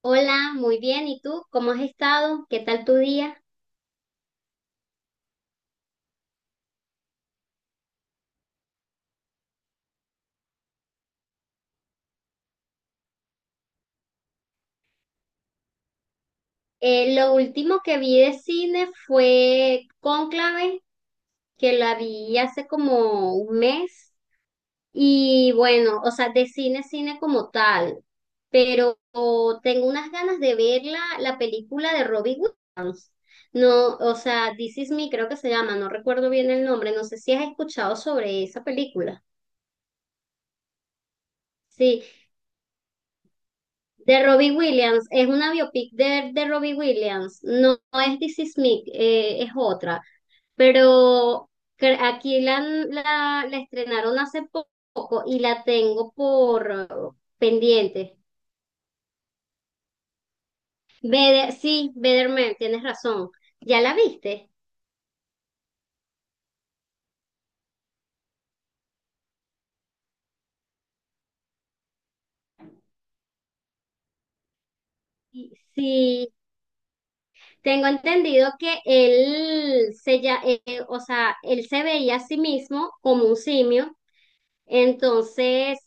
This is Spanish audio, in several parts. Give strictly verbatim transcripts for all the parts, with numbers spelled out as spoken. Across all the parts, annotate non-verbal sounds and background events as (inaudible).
Hola, muy bien. ¿Y tú? ¿Cómo has estado? ¿Qué tal tu día? Eh, lo último que vi de cine fue Cónclave, que la vi hace como un mes. Y bueno, o sea, de cine, cine como tal. Pero oh, tengo unas ganas de ver la, la película de Robin Hood. No, o sea, This Is Me creo que se llama, no recuerdo bien el nombre. No sé si has escuchado sobre esa película. Sí, de Robbie Williams, es una biopic de, de Robbie Williams, no, no es This Is Me, eh, es otra, pero cre- aquí la, la, la estrenaron hace poco y la tengo por eh, pendiente. Bede- sí, Better Man, tienes razón, ¿ya la viste? Sí, tengo entendido que él se, ya, eh, o sea, él se veía a sí mismo como un simio. Entonces,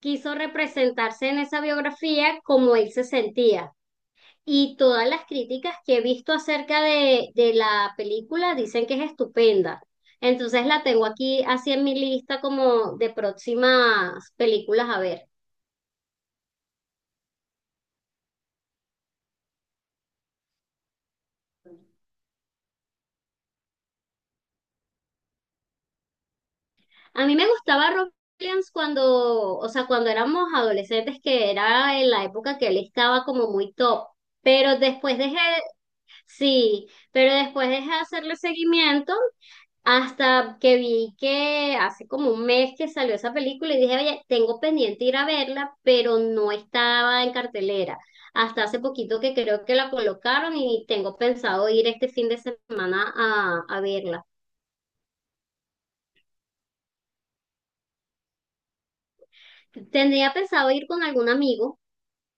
quiso representarse en esa biografía como él se sentía. Y todas las críticas que he visto acerca de, de la película dicen que es estupenda. Entonces la tengo aquí así en mi lista como de próximas películas a ver. A mí me gustaba Rob Williams cuando, o sea, cuando éramos adolescentes, que era en la época que él estaba como muy top. Pero después dejé, sí, pero después dejé de hacerle seguimiento hasta que vi que hace como un mes que salió esa película y dije, oye, tengo pendiente ir a verla, pero no estaba en cartelera. Hasta hace poquito que creo que la colocaron y tengo pensado ir este fin de semana a, a verla. Tendría pensado ir con algún amigo.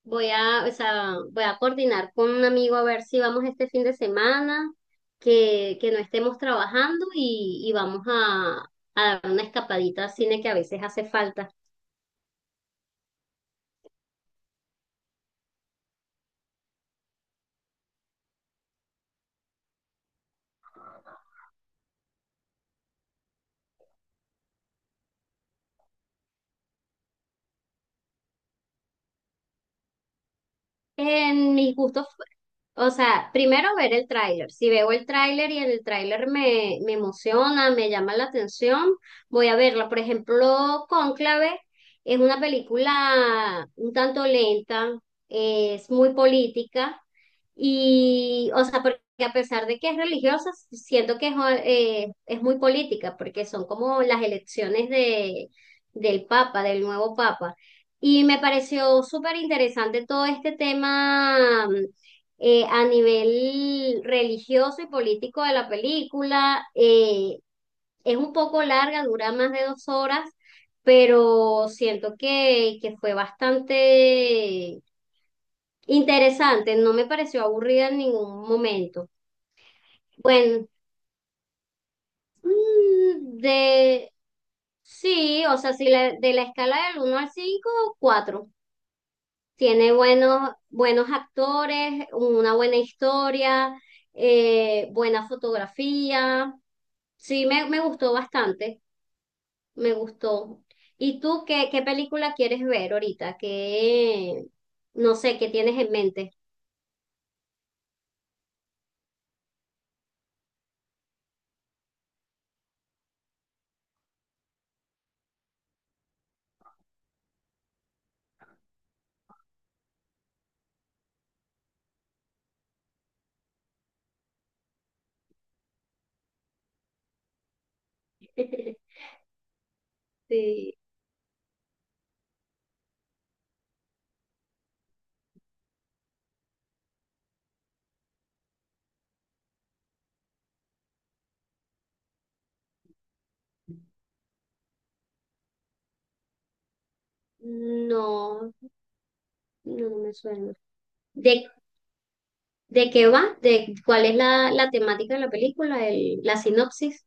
Voy a, o sea, voy a coordinar con un amigo a ver si vamos este fin de semana, que, que no estemos trabajando y, y vamos a, a dar una escapadita al cine que a veces hace falta. En mis gustos. O sea, primero ver el tráiler. Si veo el tráiler y el tráiler me, me emociona, me llama la atención, voy a verla. Por ejemplo, Cónclave es una película un tanto lenta, es muy política y, o sea, porque a pesar de que es religiosa, siento que es, eh, es muy política, porque son como las elecciones de, del Papa, del nuevo Papa. Y me pareció súper interesante todo este tema eh, a nivel religioso y político de la película. eh, es un poco larga, dura más de dos horas, pero siento que, que fue bastante interesante. No me pareció aburrida en ningún momento. Bueno, mm, de. Sí, o sea, si la- de la escala del uno al cinco, cuatro. Tiene buenos, buenos actores, una buena historia, eh, buena fotografía. Sí, me, me gustó bastante, me gustó. ¿Y tú qué, qué película quieres ver ahorita? ¿Qué, no sé, qué tienes en mente? (laughs) Sí, no, no no me suena. ¿De, de qué va? ¿De cuál es la, la temática de la película? El, la sinopsis.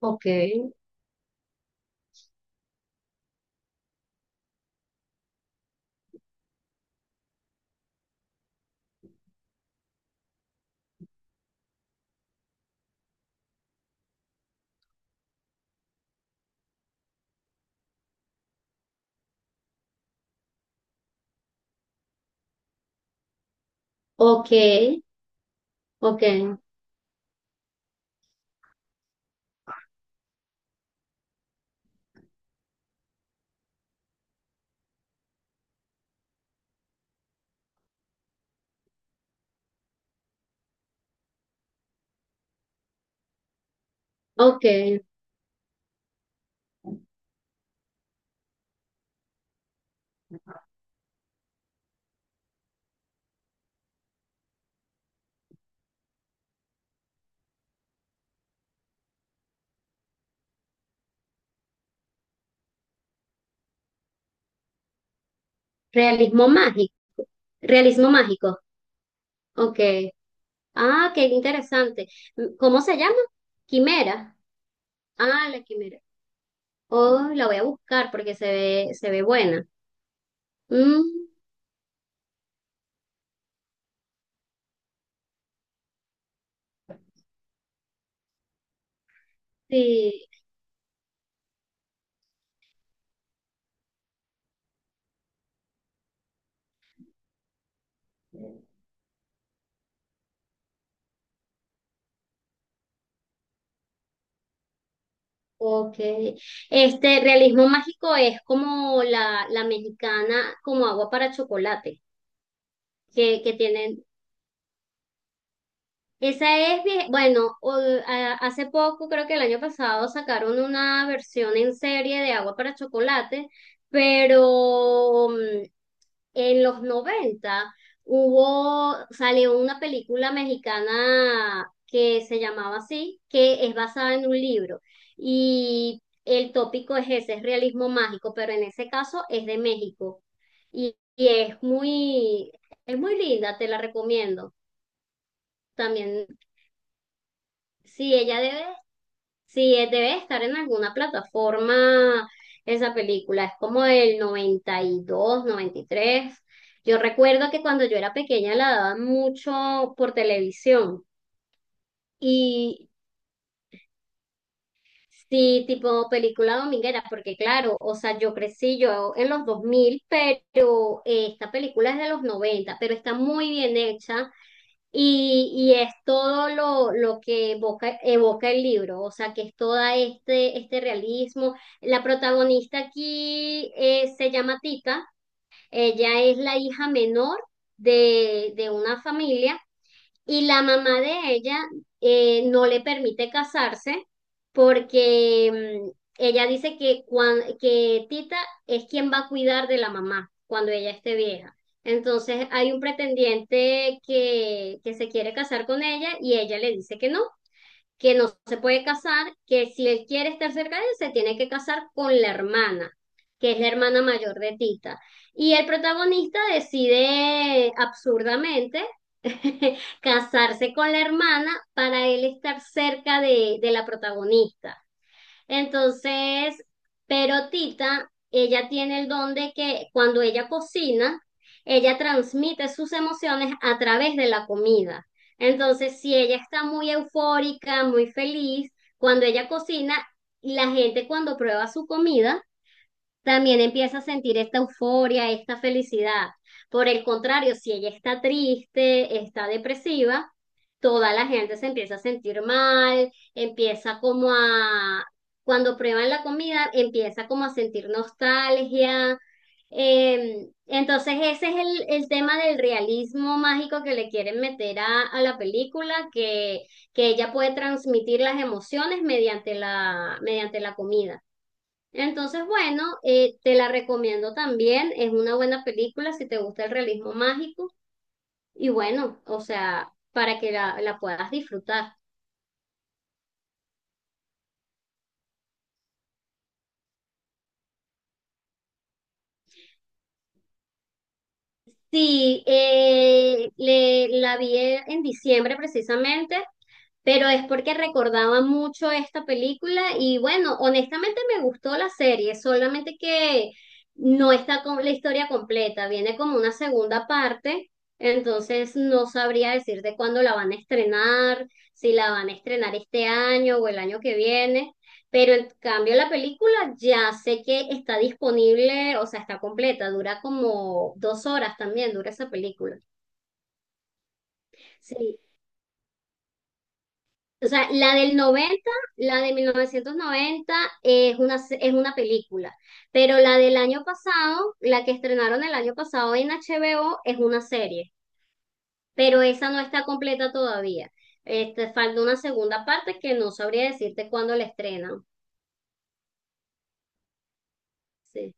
Ok, ok, ok, ok. Realismo mágico. Realismo mágico. Ok. Ah, qué interesante. ¿Cómo se llama? Quimera. Ah, la quimera. Oh, la voy a buscar porque se ve, se ve buena. Mm, sí. Ok. Este realismo mágico es como la, la mexicana, como agua para chocolate, que, que tienen. Esa es, vie- bueno, o- a- hace poco, creo que el año pasado, sacaron una versión en serie de Agua para Chocolate, pero mm, en los noventa hubo, salió una película mexicana que se llamaba así, que es basada en un libro. Y el tópico es ese, es realismo mágico, pero en ese caso es de México. Y, y es muy, es muy linda, te la recomiendo. También. Sí, ella debe, sí, eh, debe estar en alguna plataforma esa película, es como del noventa, noventa y dos, noventa y tres. Yo recuerdo que cuando yo era pequeña la daban mucho por televisión y, sí, tipo película dominguera, porque claro, o sea, yo crecí yo en los dos mil, pero eh, esta película es de los noventa, pero está muy bien hecha y, y es todo lo, lo que evoca, evoca el libro, o sea, que es todo este, este realismo. La protagonista aquí eh, se llama Tita, ella es la hija menor de, de una familia y la mamá de ella eh, no le permite casarse porque mm, ella dice que, cuan- que Tita es quien va a cuidar de la mamá cuando ella esté vieja. Entonces hay un pretendiente que, que se quiere casar con ella y ella le dice que no, que no se puede casar, que si él quiere estar cerca de él, se tiene que casar con la hermana, que es la hermana mayor de Tita. Y el protagonista decide absurdamente (laughs) casarse con la hermana para él estar cerca de, de la protagonista. Entonces, pero Tita, ella tiene el don de que cuando ella cocina, ella transmite sus emociones a través de la comida. Entonces, si ella está muy eufórica, muy feliz, cuando ella cocina, la gente cuando prueba su comida, también empieza a sentir esta euforia, esta felicidad. Por el contrario, si ella está triste, está depresiva, toda la gente se empieza a sentir mal, empieza como a, cuando prueban la comida, empieza como a sentir nostalgia. Eh, entonces ese es el, el tema del realismo mágico que le quieren meter a, a la película, que, que ella puede transmitir las emociones mediante la, mediante la comida. Entonces, bueno, eh, te la recomiendo también. Es una buena película si te gusta el realismo mágico. Y bueno, o sea, para que la, la puedas disfrutar. Sí, eh, le, la vi en diciembre precisamente, pero es porque recordaba mucho esta película y bueno, honestamente me gustó la serie, solamente que no está con la historia completa, viene como una segunda parte, entonces no sabría decirte cuándo la van a estrenar, si la van a estrenar este año o el año que viene. Pero en cambio la película ya sé que está disponible, o sea, está completa, dura como dos horas también, dura esa película. Sí, o sea, la del noventa, la de mil novecientos noventa es una, es una, película, pero la del año pasado, la que estrenaron el año pasado en H B O es una serie, pero esa no está completa todavía. Este, falta una segunda parte que no sabría decirte cuándo la estrenan. Sí.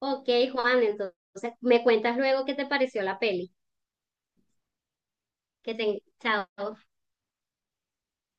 Ok, Juan, entonces me cuentas luego qué te pareció la peli. Que te, chao.